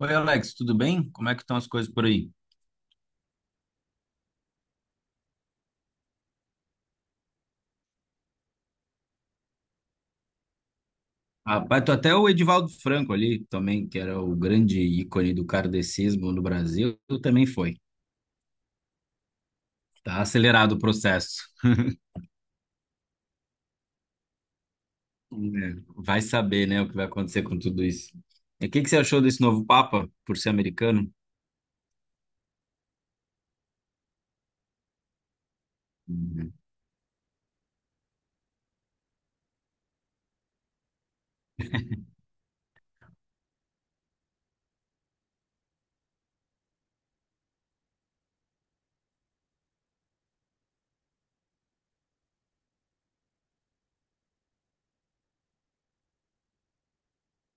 Oi, Alex, tudo bem? Como é que estão as coisas por aí? Rapaz, tô até o Edivaldo Franco ali também, que era o grande ícone do kardecismo no Brasil, também foi. Tá acelerado o processo. É, vai saber, né, o que vai acontecer com tudo isso. E o que que você achou desse novo Papa, por ser americano? Uhum.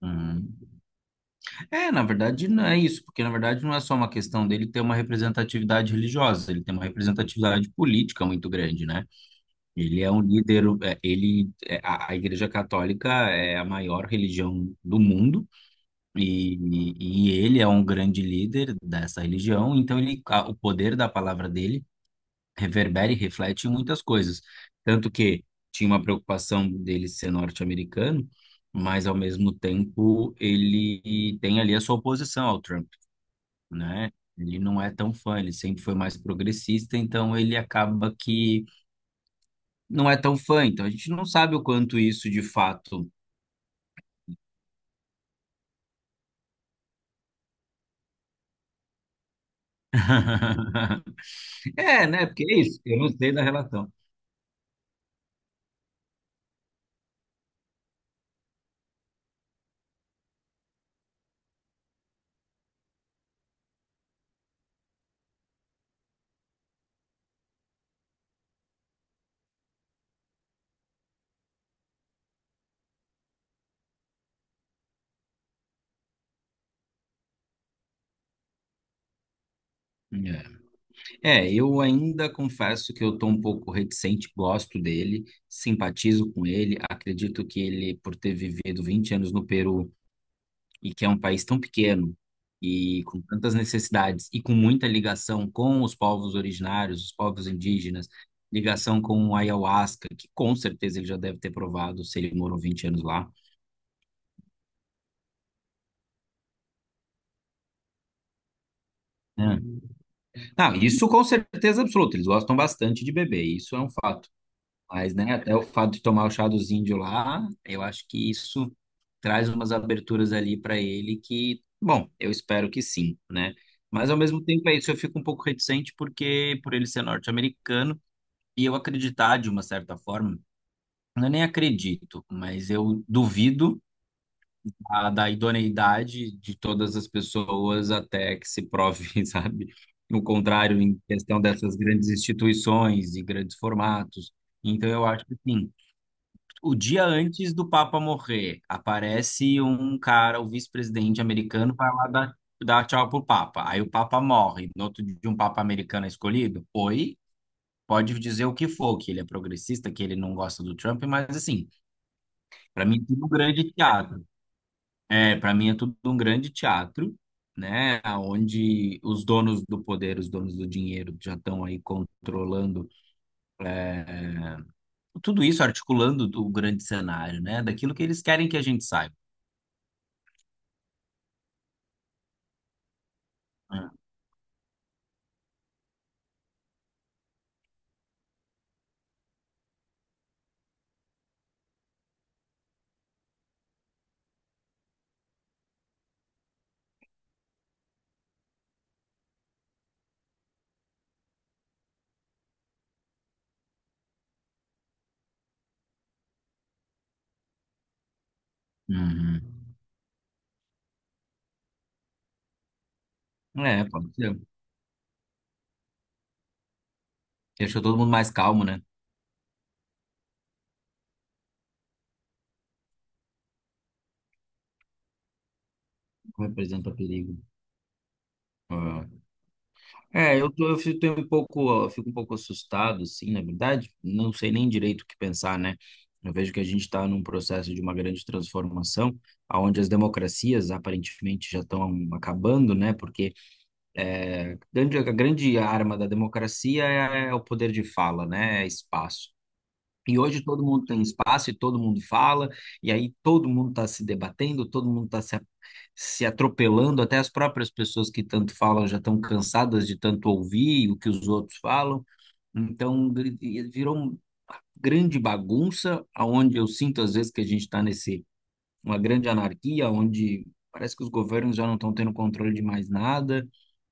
Uhum. É, na verdade, não é isso, porque na verdade não é só uma questão dele ter uma representatividade religiosa, ele tem uma representatividade política muito grande, né? Ele é um líder, é, ele, é, a Igreja Católica é a maior religião do mundo e, e ele é um grande líder dessa religião, então ele, o poder da palavra dele reverbera e reflete em muitas coisas. Tanto que tinha uma preocupação dele ser norte-americano, mas ao mesmo tempo ele tem ali a sua oposição ao Trump, né? Ele não é tão fã, ele sempre foi mais progressista, então ele acaba que não é tão fã, então a gente não sabe o quanto isso de fato. É, né? Porque é isso, eu não sei da relação. É, é, eu ainda confesso que eu tô um pouco reticente, gosto dele, simpatizo com ele, acredito que ele, por ter vivido 20 anos no Peru e que é um país tão pequeno e com tantas necessidades e com muita ligação com os povos originários, os povos indígenas, ligação com o ayahuasca, que com certeza ele já deve ter provado se ele morou 20 anos lá, né? Não, isso com certeza absoluta. Eles gostam bastante de beber, isso é um fato. Mas, né, até o fato de tomar o chá dos índios lá, eu acho que isso traz umas aberturas ali para ele que, bom, eu espero que sim, né? Mas ao mesmo tempo é isso, eu fico um pouco reticente porque por ele ser norte-americano e eu acreditar de uma certa forma, eu nem acredito, mas eu duvido da idoneidade de todas as pessoas até que se prove, sabe, o contrário em questão dessas grandes instituições e grandes formatos. Então, eu acho que, assim, o dia antes do Papa morrer, aparece um cara, o vice-presidente americano, vai lá dar tchau pro Papa. Aí o Papa morre. No outro dia, um Papa americano é escolhido? Oi? Pode dizer o que for, que ele é progressista, que ele não gosta do Trump, mas, assim, para mim, tudo grande teatro. É, para mim é tudo um grande teatro, né? Onde os donos do poder, os donos do dinheiro já estão aí controlando é, tudo isso, articulando o grande cenário, né? Daquilo que eles querem que a gente saiba, né? Uhum. É, pode ser. Deixa todo mundo mais calmo, né? Representa perigo. Ah. É, eu, tô, eu fico tenho um pouco, eu fico um pouco assustado, assim, na verdade, não sei nem direito o que pensar, né? Eu vejo que a gente está num processo de uma grande transformação, onde as democracias aparentemente já estão acabando, né? Porque a grande arma da democracia é o poder de fala, né? É espaço. E hoje todo mundo tem espaço e todo mundo fala, e aí todo mundo está se debatendo, todo mundo está se, se atropelando, até as próprias pessoas que tanto falam já estão cansadas de tanto ouvir o que os outros falam. Então virou uma grande bagunça, aonde eu sinto às vezes que a gente está nesse uma grande anarquia, onde parece que os governos já não estão tendo controle de mais nada.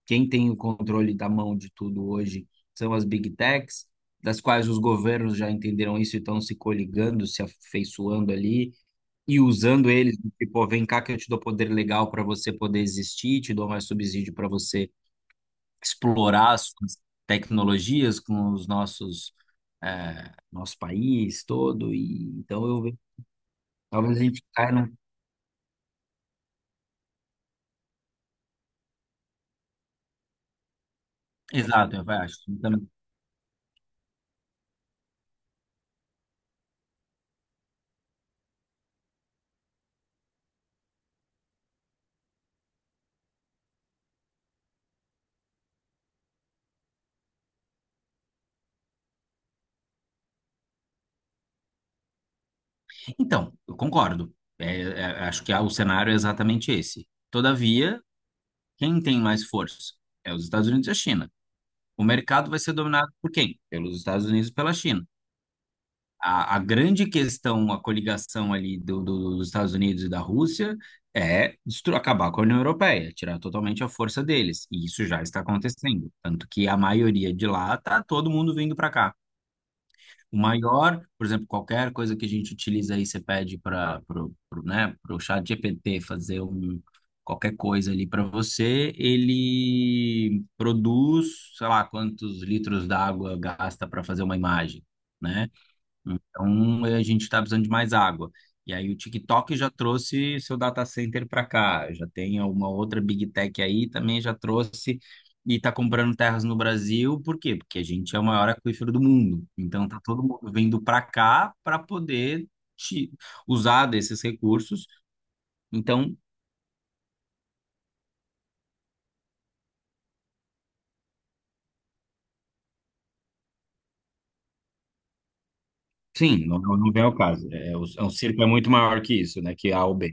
Quem tem o controle da mão de tudo hoje são as big techs, das quais os governos já entenderam isso e estão se coligando, se afeiçoando ali e usando eles, tipo, vem cá que eu te dou poder legal para você poder existir, te dou mais subsídio para você explorar as suas tecnologias com os nossos nosso país todo e então eu talvez a gente caia num. Exato, eu acho. Então, eu concordo. É, é, acho que o cenário é exatamente esse. Todavia, quem tem mais força? É os Estados Unidos e a China. O mercado vai ser dominado por quem? Pelos Estados Unidos e pela China. A grande questão, a coligação ali dos Estados Unidos e da Rússia é acabar com a União Europeia, tirar totalmente a força deles. E isso já está acontecendo. Tanto que a maioria de lá está todo mundo vindo para cá. O maior, por exemplo, qualquer coisa que a gente utiliza aí, você pede para pro, pro, né, pro chat GPT fazer um, qualquer coisa ali para você, ele produz, sei lá, quantos litros d'água gasta para fazer uma imagem, né? Então, a gente está precisando de mais água. E aí, o TikTok já trouxe seu data center para cá. Já tem uma outra Big Tech aí, também já trouxe e está comprando terras no Brasil. Por quê? Porque a gente é o maior aquífero do mundo. Então, tá todo mundo vindo para cá para poder te- usar desses recursos. Então, sim, não, não não vem ao caso. É, o, é um circo é muito maior que isso, né? Que A ou B.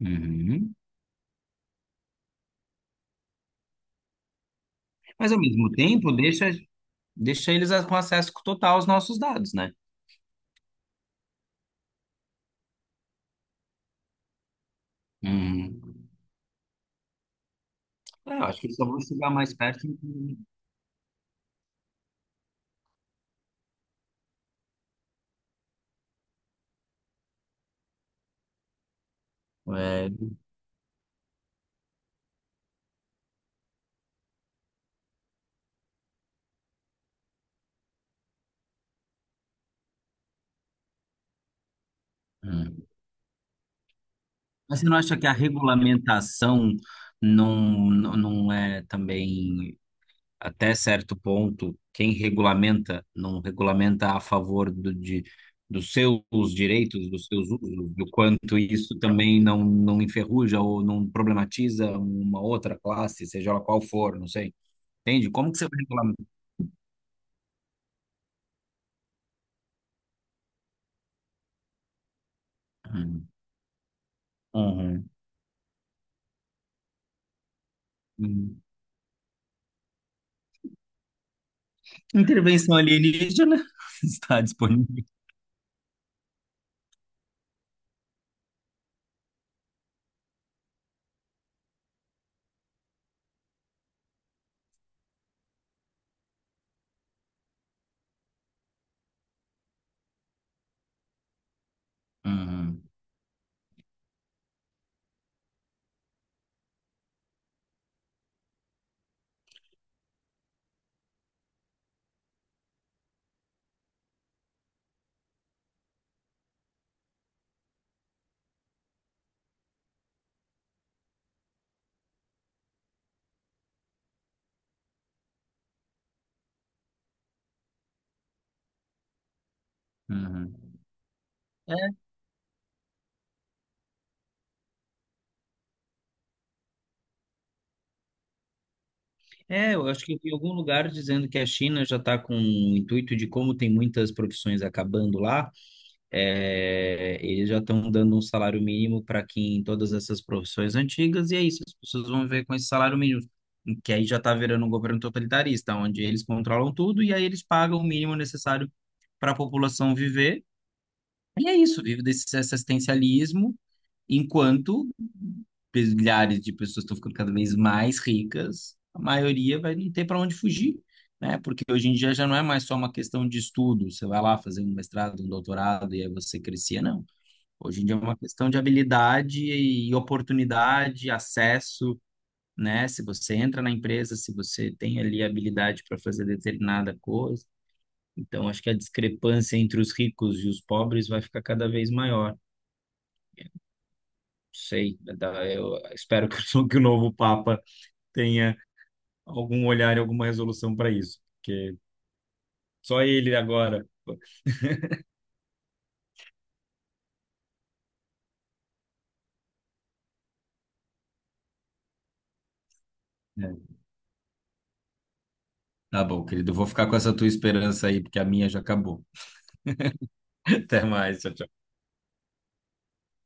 Uhum. Mas, ao mesmo tempo, deixa eles com acesso total aos nossos dados, né? Hum. É, eu acho que eles só vão chegar mais perto. É, hum. Mas você não acha que a regulamentação não, não não é também, até certo ponto, quem regulamenta não regulamenta a favor do, de, dos seus direitos, dos seus usos, do quanto isso também não, não enferruja ou não problematiza uma outra classe, seja ela qual for, não sei. Entende? Como que você vai regulamentar? Hum. Uhum. Intervenção alienígena está disponível. Uhum, uhum. É, é, eu acho que eu vi em algum lugar dizendo que a China já está com o intuito de como tem muitas profissões acabando lá, é, eles já estão dando um salário mínimo para quem em todas essas profissões antigas, e é isso, as pessoas vão ver com esse salário mínimo, que aí já está virando um governo totalitarista, onde eles controlam tudo e aí eles pagam o mínimo necessário para a população viver, e é isso, vive desse assistencialismo. Enquanto milhares de pessoas estão ficando cada vez mais ricas, a maioria vai não ter para onde fugir, né? Porque hoje em dia já não é mais só uma questão de estudo, você vai lá fazer um mestrado, um doutorado e aí você crescia, não. Hoje em dia é uma questão de habilidade e oportunidade, acesso, né? Se você entra na empresa, se você tem ali habilidade para fazer determinada coisa. Então, acho que a discrepância entre os ricos e os pobres vai ficar cada vez maior. Sei, eu espero que o que o novo Papa tenha algum olhar e alguma resolução para isso, porque só ele agora. É, tá bom, querido, eu vou ficar com essa tua esperança aí, porque a minha já acabou. Até mais, tchau.